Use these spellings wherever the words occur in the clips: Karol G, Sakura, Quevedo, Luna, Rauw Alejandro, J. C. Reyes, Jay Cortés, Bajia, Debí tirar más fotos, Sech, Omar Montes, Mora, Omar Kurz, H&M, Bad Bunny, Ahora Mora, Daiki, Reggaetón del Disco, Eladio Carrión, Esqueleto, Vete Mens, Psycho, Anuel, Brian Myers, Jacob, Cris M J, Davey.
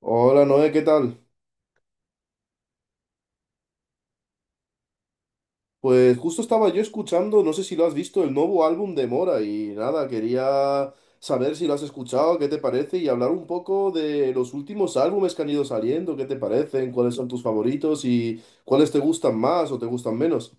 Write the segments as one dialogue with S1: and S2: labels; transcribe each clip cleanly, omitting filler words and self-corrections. S1: Hola Noé, ¿qué tal? Pues justo estaba yo escuchando, no sé si lo has visto, el nuevo álbum de Mora y nada, quería saber si lo has escuchado, qué te parece y hablar un poco de los últimos álbumes que han ido saliendo, qué te parecen, cuáles son tus favoritos y cuáles te gustan más o te gustan menos.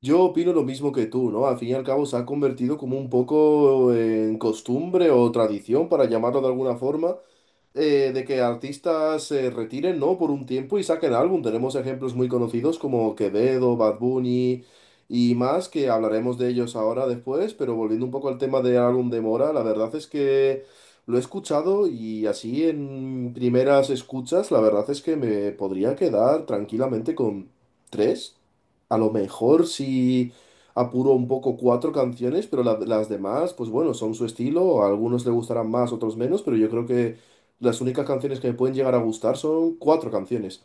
S1: Yo opino lo mismo que tú, ¿no? Al fin y al cabo se ha convertido como un poco en costumbre o tradición, para llamarlo de alguna forma. De que artistas se retiren, ¿no? Por un tiempo y saquen álbum. Tenemos ejemplos muy conocidos como Quevedo, Bad Bunny y más, que hablaremos de ellos ahora después, pero volviendo un poco al tema del álbum de Mora, la verdad es que lo he escuchado y así en primeras escuchas, la verdad es que me podría quedar tranquilamente con tres, a lo mejor si... apuro un poco cuatro canciones, pero las demás, pues bueno, son su estilo, a algunos le gustarán más, otros menos, pero yo creo que las únicas canciones que me pueden llegar a gustar son cuatro canciones.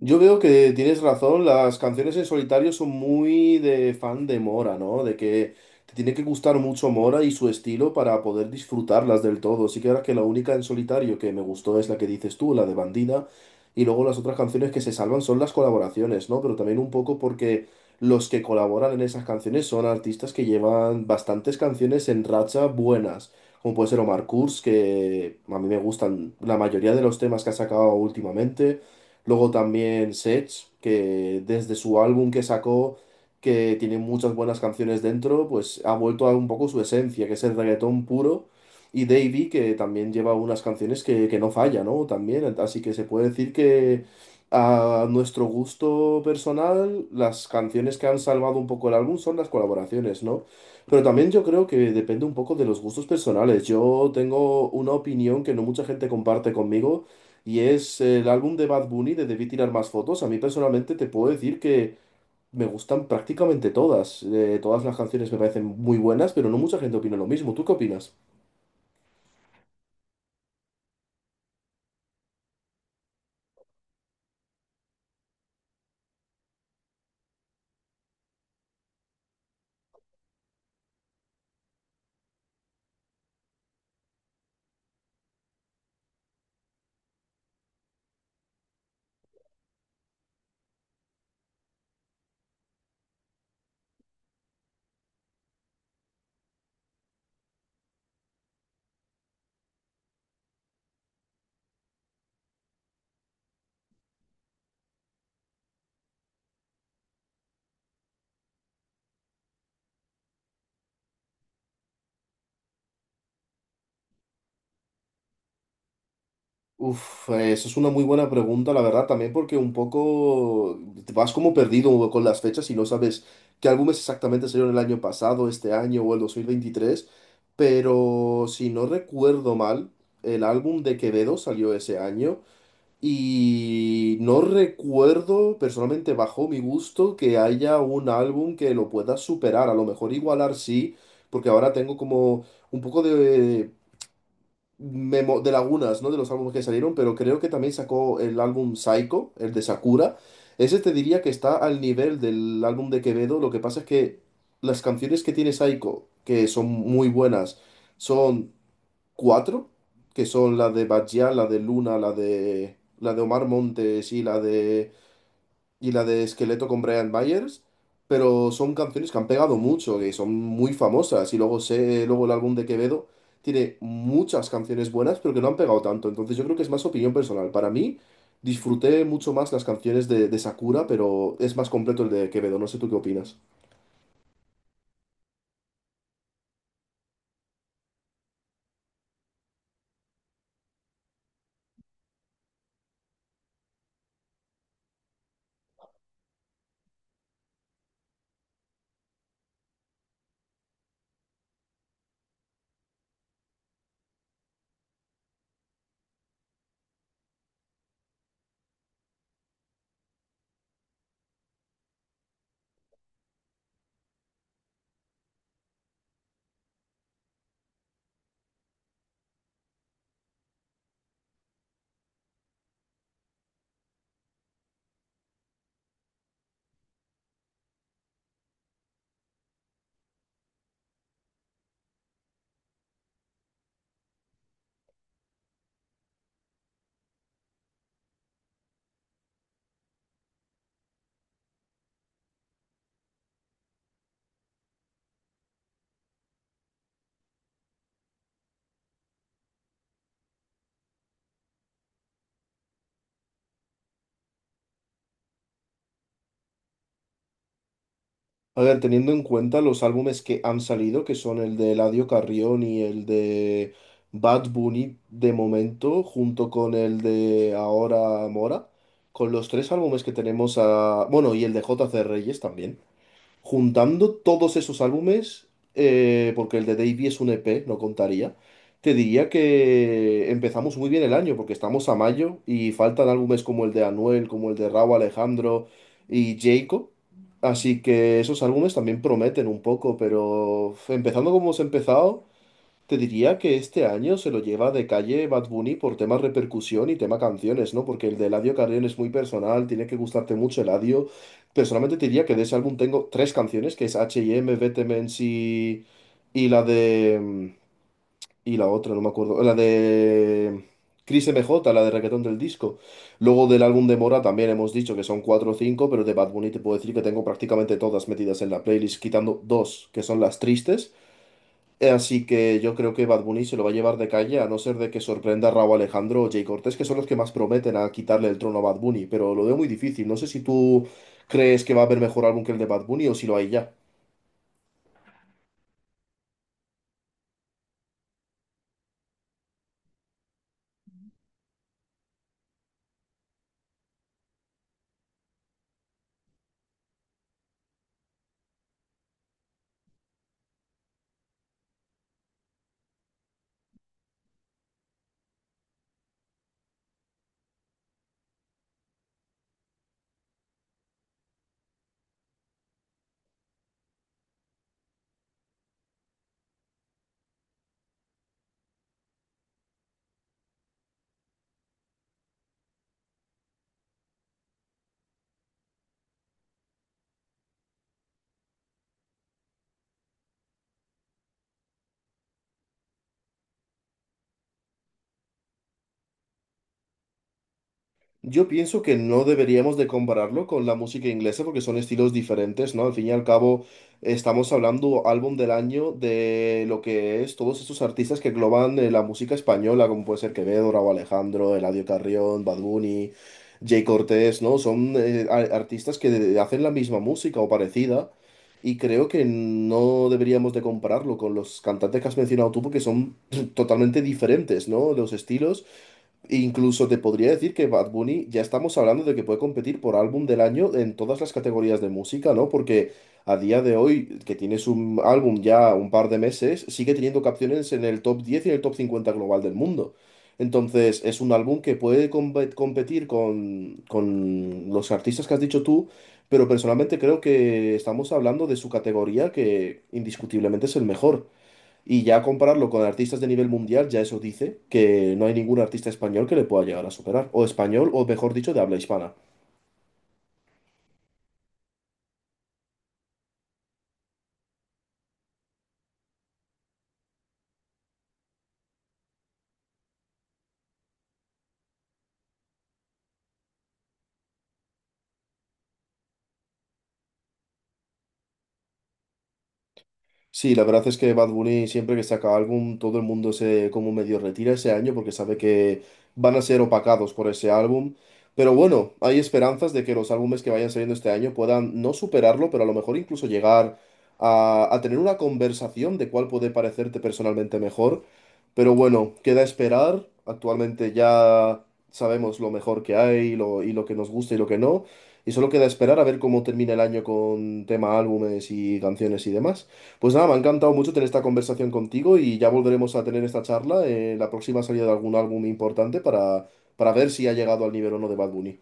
S1: Yo veo que tienes razón, las canciones en solitario son muy de fan de Mora, ¿no? De que te tiene que gustar mucho Mora y su estilo para poder disfrutarlas del todo. Sí que ahora que la única en solitario que me gustó es la que dices tú, la de Bandida, y luego las otras canciones que se salvan son las colaboraciones, ¿no? Pero también un poco porque los que colaboran en esas canciones son artistas que llevan bastantes canciones en racha buenas, como puede ser Omar Kurz, que a mí me gustan la mayoría de los temas que ha sacado últimamente. Luego también Sech, que desde su álbum que sacó, que tiene muchas buenas canciones dentro, pues ha vuelto a un poco su esencia, que es el reggaetón puro. Y Davey, que también lleva unas canciones que no falla, ¿no? También, así que se puede decir que a nuestro gusto personal, las canciones que han salvado un poco el álbum son las colaboraciones, ¿no? Pero también yo creo que depende un poco de los gustos personales. Yo tengo una opinión que no mucha gente comparte conmigo, y es el álbum de Bad Bunny de Debí Tirar Más Fotos. A mí personalmente te puedo decir que me gustan prácticamente todas. Todas las canciones me parecen muy buenas, pero no mucha gente opina lo mismo. ¿Tú qué opinas? Uf, eso es una muy buena pregunta, la verdad, también porque un poco te vas como perdido con las fechas y no sabes qué álbumes exactamente salieron el año pasado, este año o el 2023. Pero si no recuerdo mal, el álbum de Quevedo salió ese año. Y no recuerdo, personalmente bajo mi gusto, que haya un álbum que lo pueda superar. A lo mejor igualar sí, porque ahora tengo como un poco de lagunas, ¿no? De los álbumes que salieron, pero creo que también sacó el álbum Psycho, el de Sakura. Ese te diría que está al nivel del álbum de Quevedo. Lo que pasa es que las canciones que tiene Psycho, que son muy buenas, son cuatro, que son la de Bajia, la de Luna, la de Omar Montes y la de Esqueleto con Brian Myers, pero son canciones que han pegado mucho, que son muy famosas, y luego sé, luego el álbum de Quevedo tiene muchas canciones buenas, pero que no han pegado tanto, entonces yo creo que es más opinión personal. Para mí, disfruté mucho más las canciones de Sakura, pero es más completo el de Quevedo, no sé tú qué opinas. A ver, teniendo en cuenta los álbumes que han salido, que son el de Eladio Carrión y el de Bad Bunny de momento, junto con el de Ahora Mora, con los tres álbumes que tenemos a... Bueno, y el de J. C. Reyes también. Juntando todos esos álbumes, porque el de Davey es un EP, no contaría, te diría que empezamos muy bien el año, porque estamos a mayo y faltan álbumes como el de Anuel, como el de Rauw Alejandro y Jacob. Así que esos álbumes también prometen un poco, pero uf, empezando como hemos empezado, te diría que este año se lo lleva de calle Bad Bunny por tema repercusión y tema canciones, ¿no? Porque el de Eladio Carrión es muy personal, tiene que gustarte mucho Eladio. Personalmente te diría que de ese álbum tengo tres canciones, que es H&M, Vete Mens y la de... y la otra, no me acuerdo. La de... Cris M J, la de Reggaetón del Disco. Luego del álbum de Mora también hemos dicho que son cuatro o cinco, pero de Bad Bunny te puedo decir que tengo prácticamente todas metidas en la playlist, quitando dos, que son las tristes. Así que yo creo que Bad Bunny se lo va a llevar de calle, a no ser de que sorprenda a Rauw Alejandro o Jay Cortés, que son los que más prometen a quitarle el trono a Bad Bunny, pero lo veo muy difícil. No sé si tú crees que va a haber mejor álbum que el de Bad Bunny o si lo hay ya. Yo pienso que no deberíamos de compararlo con la música inglesa porque son estilos diferentes, ¿no? Al fin y al cabo, estamos hablando álbum del año de lo que es todos estos artistas que engloban la música española, como puede ser Quevedo, Raúl Alejandro, Eladio Carrión, Bad Bunny, Jay Cortés, ¿no? Son artistas que hacen la misma música o parecida y creo que no deberíamos de compararlo con los cantantes que has mencionado tú porque son totalmente diferentes, ¿no? Los estilos. Incluso te podría decir que Bad Bunny ya estamos hablando de que puede competir por álbum del año en todas las categorías de música, ¿no? Porque a día de hoy, que tienes un álbum ya un par de meses, sigue teniendo canciones en el top 10 y en el top 50 global del mundo. Entonces, es un álbum que puede competir con los artistas que has dicho tú, pero personalmente creo que estamos hablando de su categoría que indiscutiblemente es el mejor. Y ya compararlo con artistas de nivel mundial, ya eso dice que no hay ningún artista español que le pueda llegar a superar. O español, o mejor dicho, de habla hispana. Sí, la verdad es que Bad Bunny siempre que saca álbum, todo el mundo se como medio retira ese año porque sabe que van a ser opacados por ese álbum. Pero bueno, hay esperanzas de que los álbumes que vayan saliendo este año puedan no superarlo, pero a lo mejor incluso llegar a tener una conversación de cuál puede parecerte personalmente mejor. Pero bueno, queda esperar. Actualmente ya sabemos lo mejor que hay, y lo que nos gusta y lo que no. Y solo queda esperar a ver cómo termina el año con tema álbumes y canciones y demás. Pues nada, me ha encantado mucho tener esta conversación contigo y ya volveremos a tener esta charla en la próxima salida de algún álbum importante para ver si ha llegado al nivel o no de Bad Bunny.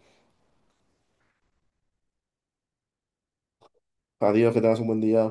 S1: Adiós, que tengas un buen día.